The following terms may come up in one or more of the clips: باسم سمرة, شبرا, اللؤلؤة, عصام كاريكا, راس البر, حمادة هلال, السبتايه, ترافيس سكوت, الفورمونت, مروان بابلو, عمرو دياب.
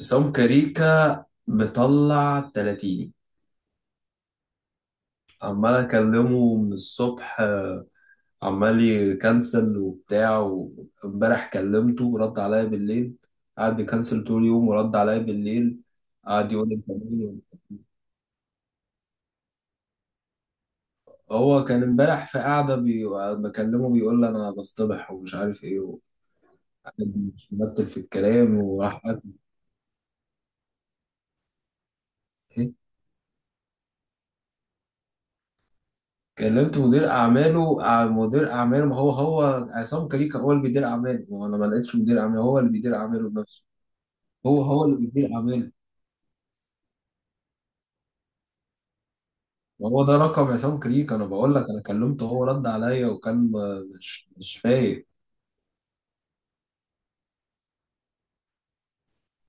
عصام كاريكا مطلع تلاتيني. عمال اكلمه من الصبح، عمال يكنسل وبتاع، وامبارح كلمته رد عليا بالليل. قعد يكنسل طول اليوم ورد عليا بالليل. قعد يقول لي انت مين. هو كان امبارح في قعده بكلمه بيقول لي انا بصطبح ومش عارف ايه. وقعد يمثل في الكلام وراح قافل. كلمت مدير اعماله مدير اعماله، ما هو هو عصام كريكا هو اللي بيدير اعماله، ما هو انا ما لقيتش مدير اعماله، هو اللي بيدير اعماله بنفسه. هو هو اللي بيدير اعماله. وهو ده رقم عصام كريكا، انا بقول لك انا كلمته هو رد عليا وكان مش فايق.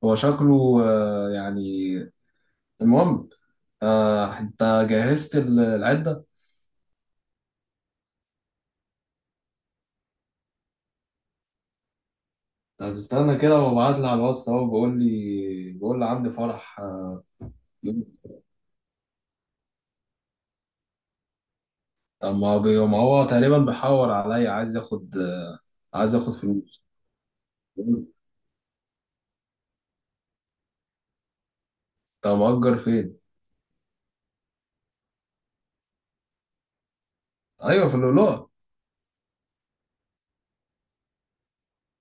هو شكله يعني. المهم انت جهزت العده. طب استنى كده وابعت لي على الواتس اهو بيقول لي، بيقول لي عندي فرح يوم. طب ما هو ما هو تقريبا بيحور عليا، عايز ياخد عايز ياخد فلوس. طب مأجر فين؟ أيوه في اللؤلؤة.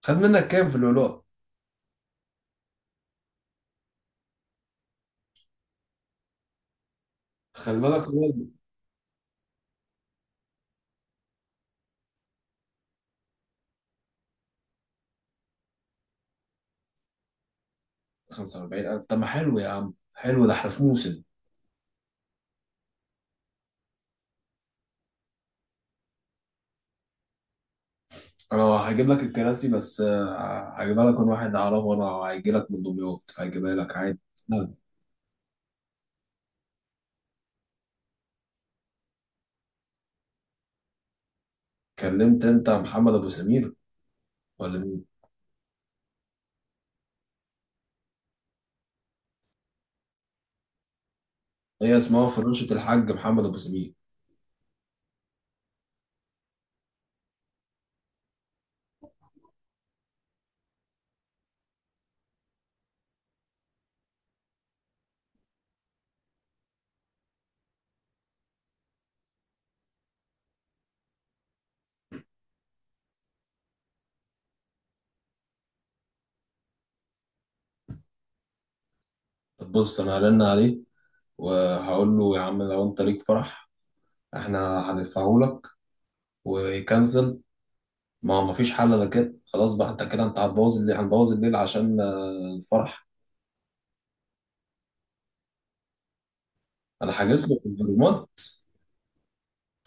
خد منك كام في اللؤلؤة؟ خلي بالك هو 45000. طب ما حلو يا عم، حلو ده احنا في موسم. أنا هجيب لك الكراسي، بس هجيبها لك من واحد أعرفه، وأنا هيجي لك من دمياط، هجيبها لك عادي. نعم. كلمت أنت محمد أبو سمير ولا مين؟ هي اسمها فراشة الحاج محمد أبو سمير. طب بص، أنا هرن عليه وهقول له يا عم لو أنت ليك فرح احنا هندفعه لك، ويكنسل. ما هو مفيش حل، انا كده خلاص بقى، انت كده انت هتبوظ الليل، هنبوظ الليل عشان الفرح. انا حاجز له في الفورمونت،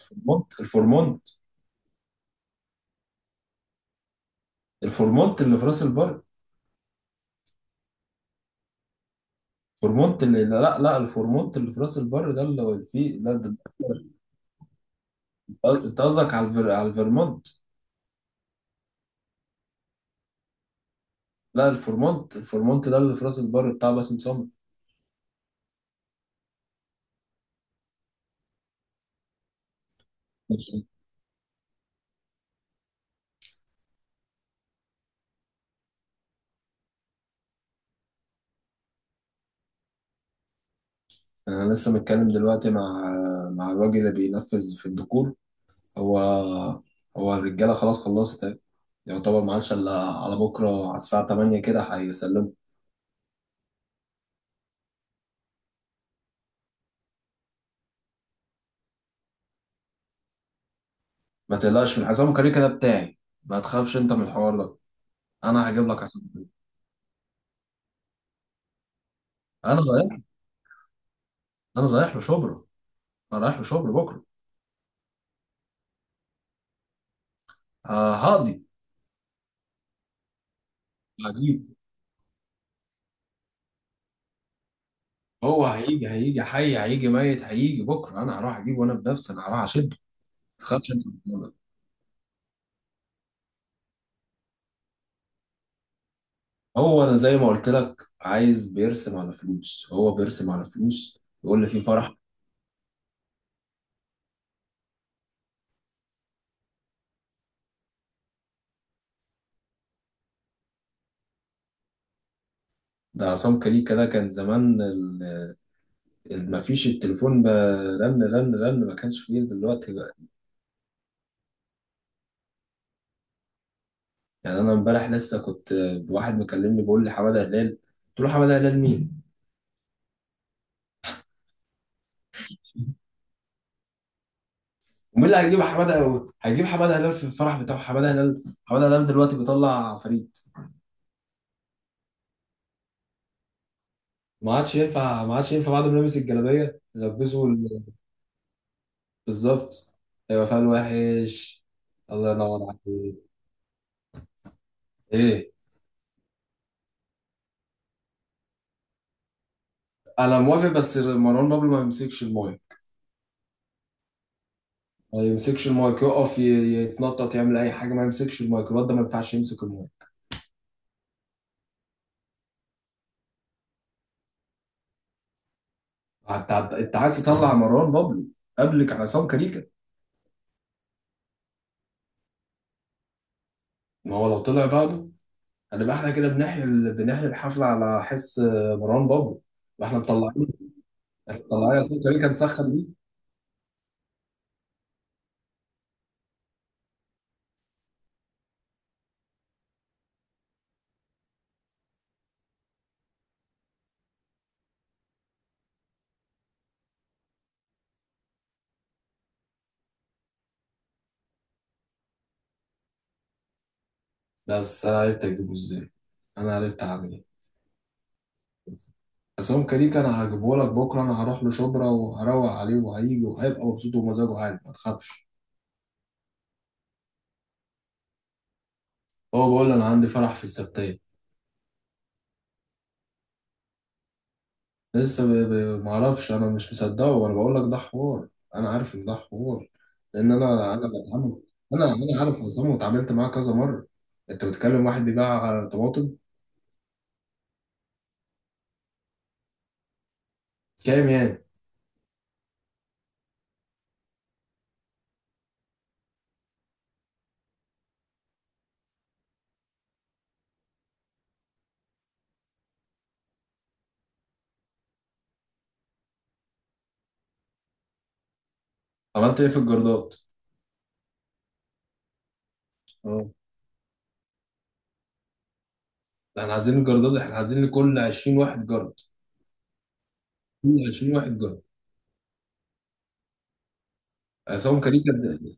الفورمونت الفورمونت. الفورمونت اللي في راس البر. الفورمونت اللي، لا لا، الفورمونت اللي في راس البر، ده اللي فيه ده انت قصدك على على الفيرمونت. لا، الفورمونت، الفورمونت ده اللي في راس البر بتاع باسم سمرة. انا لسه متكلم دلوقتي مع الراجل اللي بينفذ في الديكور. هو هو الرجاله خلاص خلصت. يعتبر ما عادش الا على بكره على الساعه 8 كده هيسلموا. ما تقلقش من حسام كاريكا ده بتاعي، ما تخافش انت من الحوار ده، انا هجيب لك حسام كاريكا. انا رايح، انا رايح له شبرا، انا رايح له شبرا بكره. هقضي. هجيب هو هيجي حي هيجي ميت هيجي بكره، انا هروح اجيبه وانا بنفسي، انا هروح اشده. ما تخافش انت من الحوار ده، هو انا زي ما قلت لك عايز بيرسم على فلوس، هو بيرسم على فلوس، يقول لي في فرح. ده عصام كاريكا ده كان زمان ما فيش التليفون رن رن رن، ما كانش فيه دلوقتي. يعني انا امبارح لسه كنت، واحد مكلمني بيقول لي حماده هلال. قلت له حماده هلال مين. ومين اللي هيجيب حماده، هيجيب حماده هلال في الفرح بتاعه. حماده هلال، حماده هلال دلوقتي بيطلع فريد. ما عادش ينفع، ما عادش ينفع بعد ما يلبس الجلابيه يلبسه بالظبط. هيبقى فعل وحش. الله ينور عليك. ايه؟ انا موافق، بس مروان بابلو ما يمسكش المايك. ما يمسكش المايك، يقف يتنطط، يعمل اي حاجه، ما يمسكش المايك، الواد ده ما ينفعش يمسك المايك. انت عايز تطلع مروان بابلو قبلك عصام كاريكا؟ ما هو لو طلع بعده هنبقى احنا كده بنحيي بنحيي الحفله على حس مروان بابلو. ما احنا مطلعين، احنا مطلعين عصام كاريكا نسخن بيه. بس انا عرفت اجيبه ازاي؟ انا عرفت اعمل ايه؟ عصام كاريكا انا هجيبه لك بكره، انا هروح له شبرا وهروق عليه، وهيجي وهيبقى مبسوط ومزاجه عالي، ما تخافش. هو بقول انا عندي فرح في السبتايه. لسه معرفش، انا مش مصدقه، وانا بقول لك ده حوار، انا عارف ان ده حوار. لان انا بتعامل، انا عارف عصام واتعاملت معاه كذا مره، انت بتكلم واحد بيباع طماطم. كام يعني؟ عملت ايه في الجردات؟ اه. ده احنا عايزين الجردات، احنا عايزين لكل 20 واحد جرد، كل 20 واحد جرد. عصام كريم قد إيه؟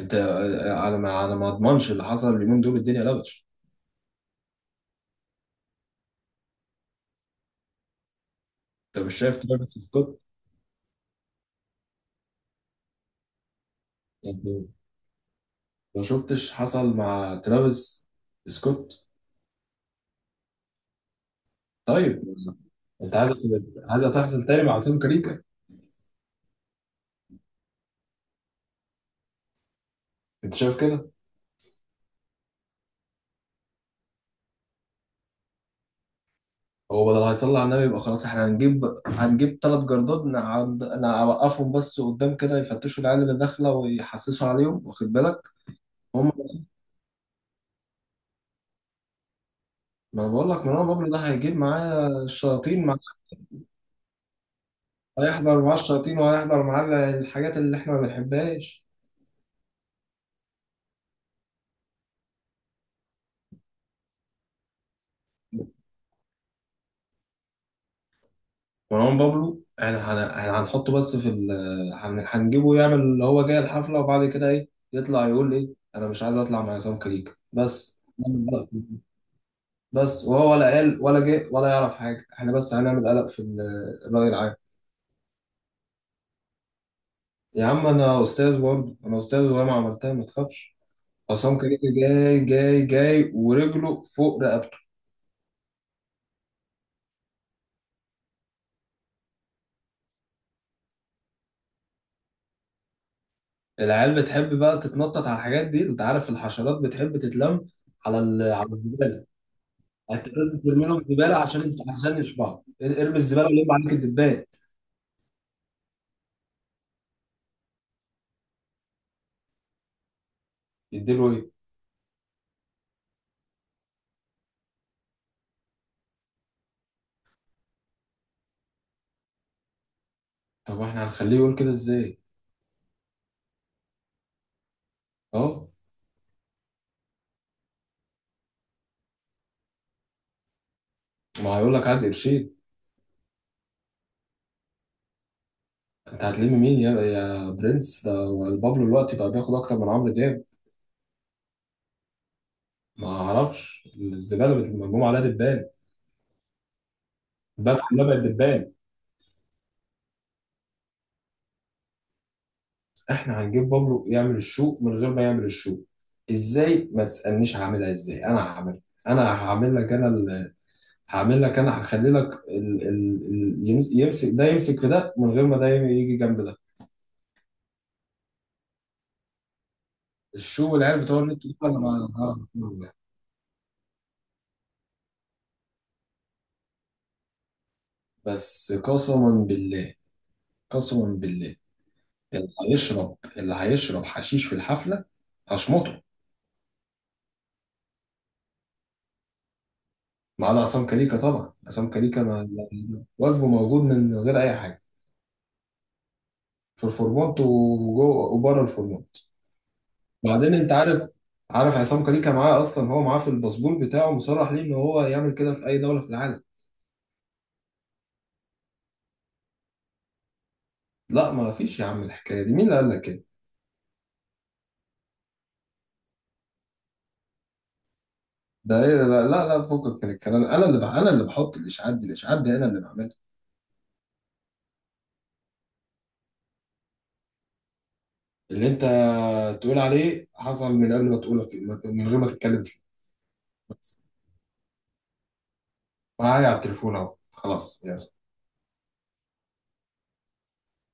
انت على ما اضمنش اللي حصل اليومين دول الدنيا لبش. انت مش شايف ترافيس سكوت؟ يعني ما شفتش حصل مع ترافيس سكوت؟ طيب، انت عايز، تحصل تاني مع عاصم كاريكا؟ انت شايف كده؟ هو بدل هيصلي على النبي يبقى خلاص، احنا هنجيب، ثلاث جردات نعد... نوقفهم بس قدام كده، يفتشوا العيال اللي داخله ويحسسوا عليهم، واخد بالك؟ هم. ما انا بقول لك مروان بابلو ده هيجيب معاه الشياطين مع... هيحضر معاه الشياطين وهيحضر معاه الحاجات اللي احنا ما بنحبهاش. مروان بابلو، احنا احنا هنحطه بس في هنجيبه يعمل اللي هو جاي الحفلة، وبعد كده ايه يطلع يقول ايه انا مش عايز اطلع مع عصام كريك بس نعمل قلق. بس وهو ولا قال ولا جه ولا يعرف حاجة، احنا بس هنعمل قلق في الرأي العام. يا عم انا استاذ برضه، انا استاذ وهي ما عملتها، ما تخافش. عصام كريك جاي جاي جاي ورجله فوق رقبته. العيال بتحب بقى تتنطط على الحاجات دي، انت عارف الحشرات بتحب تتلم على على الزبالة. انت لازم ترمي لهم زباله، عشان يشبعوا، ارمي الزباله ولم عليك الدبان. يديله ايه؟ طب واحنا هنخليه يقول كده ازاي؟ اه. ما هيقول لك عايز قرشين. انت هتلم مين يا برنس ده؟ بابلو دلوقتي بقى بياخد اكتر من عمرو دياب. ما اعرفش، الزباله مرموم عليها دبان. الباب كلها بقت دبان. احنا هنجيب بابلو يعمل الشوق من غير ما يعمل الشوق، ازاي ما تسالنيش، هعملها ازاي انا هعملها. انا هعمل لك، انا هخلي لك يمسك ده يمسك في ده من غير ما ده يجي جنب ده. الشو والعيال بتوع النت دول انا ما- بس قسما بالله، قسما بالله. اللي هيشرب حشيش في الحفله هشمطه. ما عدا عصام كليكا، طبعا عصام كليكا واجبه موجود من غير اي حاجه. في الفورمات، وجوه وبره الفورمات. بعدين انت عارف عصام كليكا معاه اصلا، هو معاه في الباسبور بتاعه مصرح ليه ان هو يعمل كده في اي دوله في العالم. لا، ما فيش يا عم الحكايه دي، مين اللي قال لك كده؟ ده ايه؟ لا لا لا، فكك من الكلام، انا اللي انا اللي بحط الاشعاعات دي، الاشعاعات دي انا اللي بعملها. اللي انت تقول عليه حصل من قبل ما تقوله من غير ما تتكلم فيه. بس معايا على التليفون اهو خلاص يعني.